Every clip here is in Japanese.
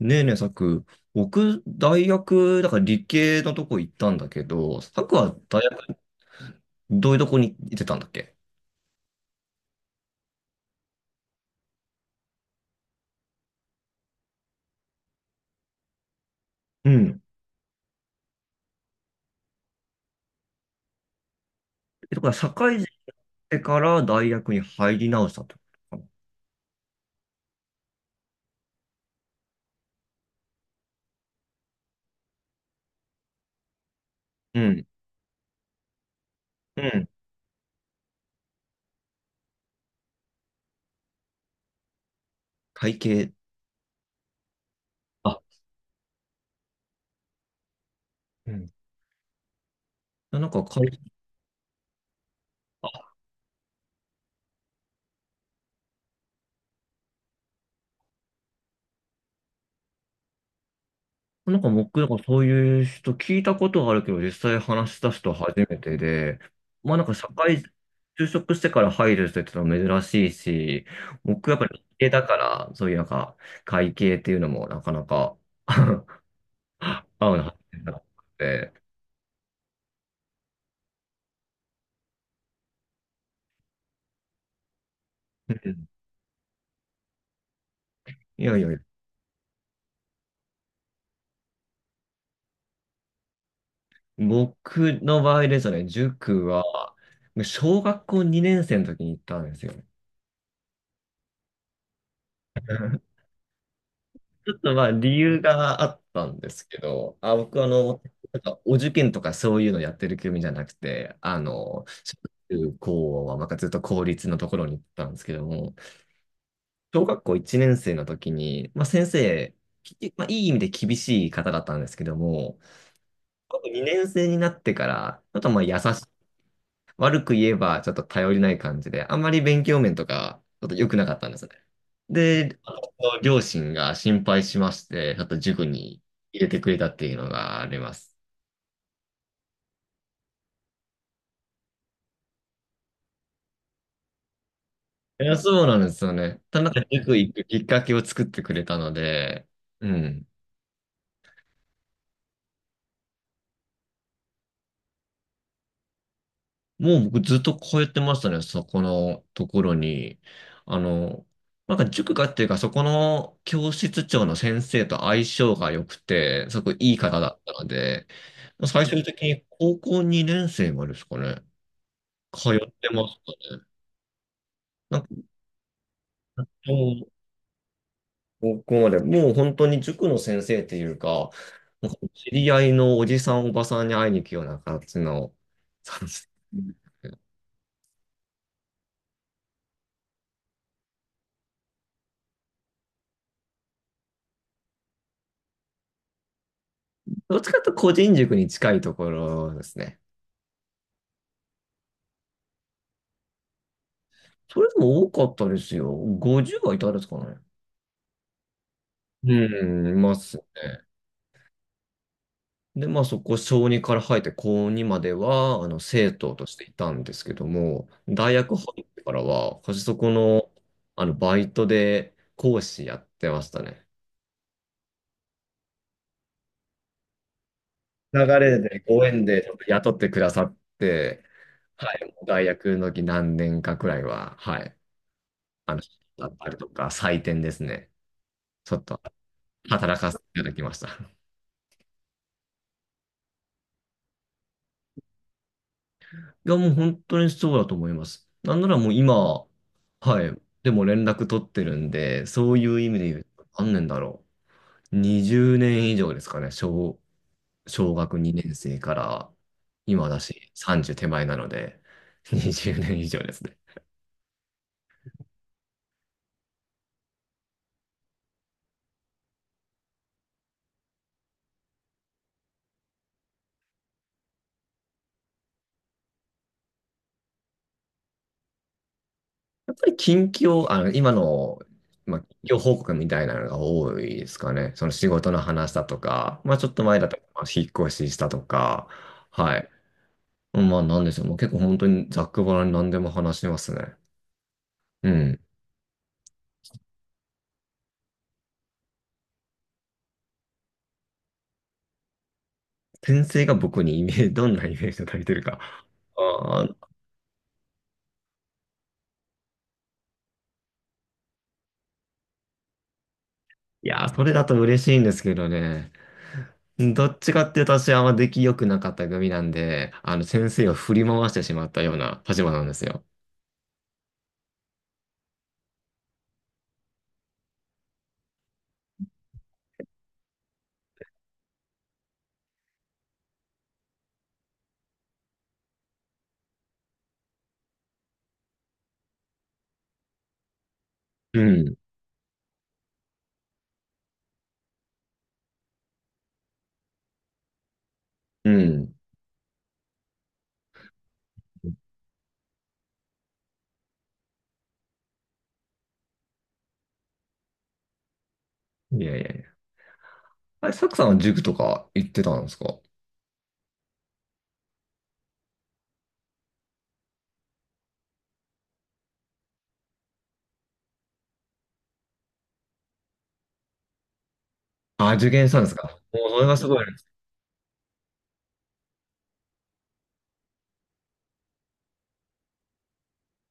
ねえねえ、さく、僕、大学、だから理系のとこ行ったんだけど、さくは大学、どういうとこに行ってたんだっけ？うん。え、だから、社会人してから大学に入り直したってことかな。うん。うん。会計？あ、うん。なんか会、あなんか僕、なんかそういう人聞いたことはあるけど、実際話し出す人は初めてで、まあなんか社会、就職してから入る人ってのは珍しいし、僕やっぱり理系だから、そういうなんか会計っていうのもなかなか 合うなってなくて、うん。いやいやいや、僕の場合ですね、塾は小学校2年生の時に行ったんですよね。ちょっとまあ理由があったんですけど、あ、僕あの、なんかお受験とかそういうのやってる組じゃなくて、あの、小中高はまあずっと公立のところに行ったんですけども、小学校1年生の時に、まあ、先生、まあ、いい意味で厳しい方だったんですけども、2年生になってから、ちょっとまあ悪く言えばちょっと頼りない感じで、あんまり勉強面とか、ちょっと良くなかったんですね。で、あの両親が心配しまして、ちょっと塾に入れてくれたっていうのがあります。いや、そうなんですよね。ただ、塾行くきっかけを作ってくれたので、うん。もう僕ずっと通ってましたね、そこのところに。あの、なんか塾がっていうか、そこの教室長の先生と相性が良くて、すごくいい方だったので、最終的に高校2年生までですかね、通ってましたね。なんかもう高校まで、もう本当に塾の先生っていうか、なんか知り合いのおじさんおばさんに会いに行くような形の、そうです。どっちかというと個人塾に近いところですね。それでも多かったですよ。50はいたですかね。うん、いますね。で、まあそこ、小2から入って高2までは、あの、生徒としていたんですけども、大学入ってからは、私そこの、あの、バイトで講師やってましたね。流れでご縁でちょっと雇ってくださって、はい、もう大学の時何年かくらいは、はい、あの、だったりとか、採点ですね。ちょっと働かせていただきました。いや、もう本当にそうだと思います。なんならもう今、はい、でも連絡取ってるんで、そういう意味で言うと、何年だろう。20年以上ですかね、小学2年生から今だし、30手前なので、20年以上ですね。やっぱり近況、あの、今の、まあ、近況報告みたいなのが多いですかね。その仕事の話だとか、まあちょっと前だと、まあ引っ越ししたとか、はい。まあなんでしょう。もう結構本当にざっくばらんに何でも話してますね。うん。先生が僕にイメージ、どんなイメージを抱いてるか。あー、いやー、それだと嬉しいんですけどね。どっちかっていうと私はあんま出来良くなかった組なんで、あの先生を振り回してしまったような立場なんですよ。うん。うん。いやいやいや。あれ、サクさんは塾とか行ってたんですか？あ、受験したんですか？もうそれがすごい。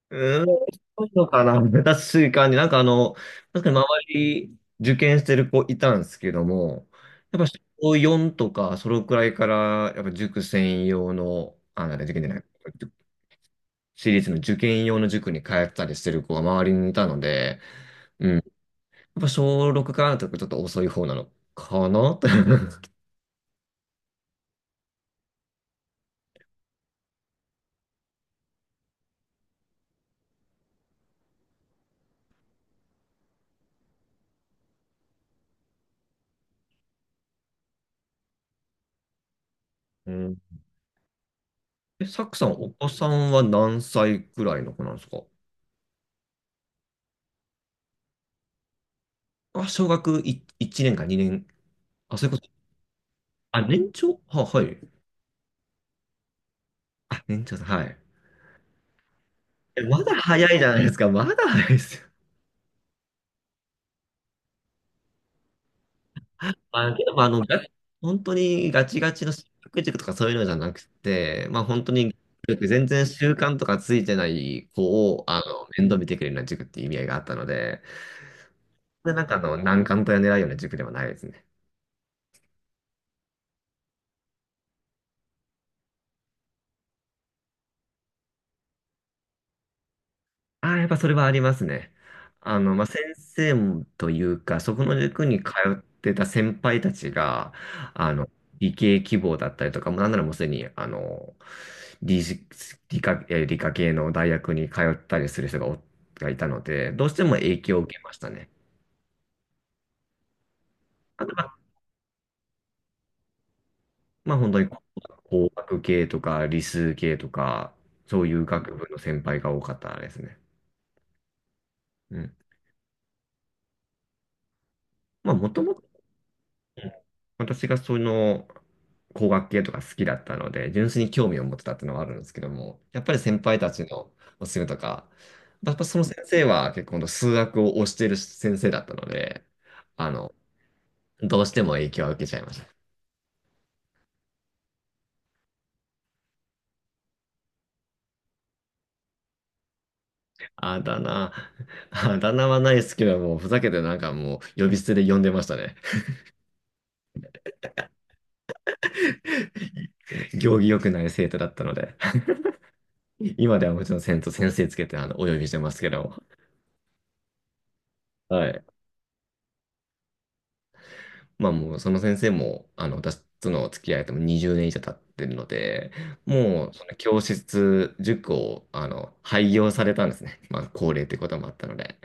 うーん、そういうのかな。確かになんかあの、確かに周り受験してる子いたんですけども、やっぱ小4とかそのくらいから、やっぱ塾専用の、あ、なんだ、受験じゃない、私立の受験用の塾に通ったりしてる子が周りにいたので、うん。やっぱ小6からとかちょっと遅い方なのかなって。うん。え、サクさん、お子さんは何歳くらいの子なんですか？あ、小学1、一年か2年。あ、そういうこと。あ、年長は、はい。あ、年長さん、はい。え、まだ早いじゃないですか。まだ早いですよ。まあ、けど、まあ、あの、本当にガチガチの進学塾とかそういうのじゃなくて、まあ、本当に全然習慣とかついてない子を、あの、面倒見てくれるような塾っていう意味合いがあったので、で、なんかあの、難関とや狙うような塾ではないですね。ああ、やっぱそれはありますね。あの、まあ、先生というか、そこの塾に通ってた先輩たちが、あの、理系希望だったりとか、もうなんならもうすでに、あの、理、理科系の大学に通ったりする人ががいたので、どうしても影響を受けましたね。あとは、まあ、本当に工学系とか理数系とか、そういう学部の先輩が多かったですね。うん。まあ、もともうん私がその工学系とか好きだったので、純粋に興味を持ってたっていうのはあるんですけども、やっぱり先輩たちのおすすめとか、やっぱその先生は結構数学を推している先生だったので、あの、どうしても影響を受けちゃいました。あだ名、はないですけども、ふざけてなんかもう呼び捨てで呼んでましたね。行儀良くない生徒だったので、今ではもちろん先生先生つけてお呼びしてますけど、はい。まあもうその先生も、あの、私との付き合いとも20年以上経ってるので、もうその教室、塾を、あの、廃業されたんですね。まあ、高齢ってこともあったので。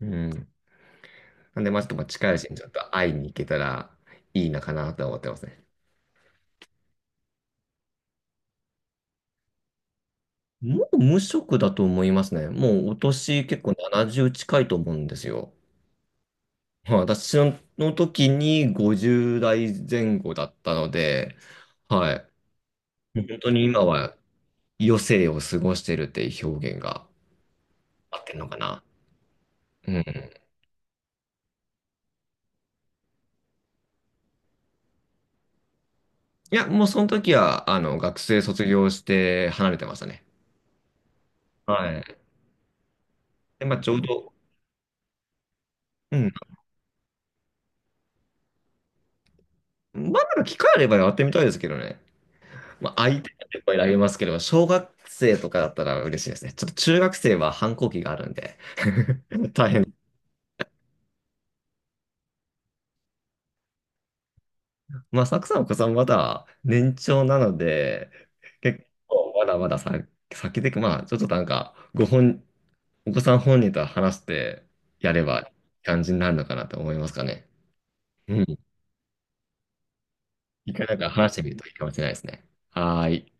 うん。なんで、まあちょっとまあ近いうちにちょっと会いに行けたらいいなかなとは思ってますね。もう無職だと思いますね。もうお年結構70近いと思うんですよ。はい、私の時に50代前後だったので、はい。本当に今は余生を過ごしてるっていう表現が合ってるのかな。うん。いや、もうその時は、あの、学生卒業して離れてましたね。はい。で、まあ、ちょうど、うん。まあ、なんか機会あればやってみたいですけどね。まあ、相手がいっぱいあますけど、小学生とかだったら嬉しいですね。ちょっと中学生は反抗期があるんで 大変。まあ、サクさん、お子さんまだ年長なので、結構まだまださ、先で、まあ、ちょっとなんか、お子さん本人と話してやればいい感じになるのかなと思いますかね。うん。一回なんか話してみるといいかもしれないですね。はーい。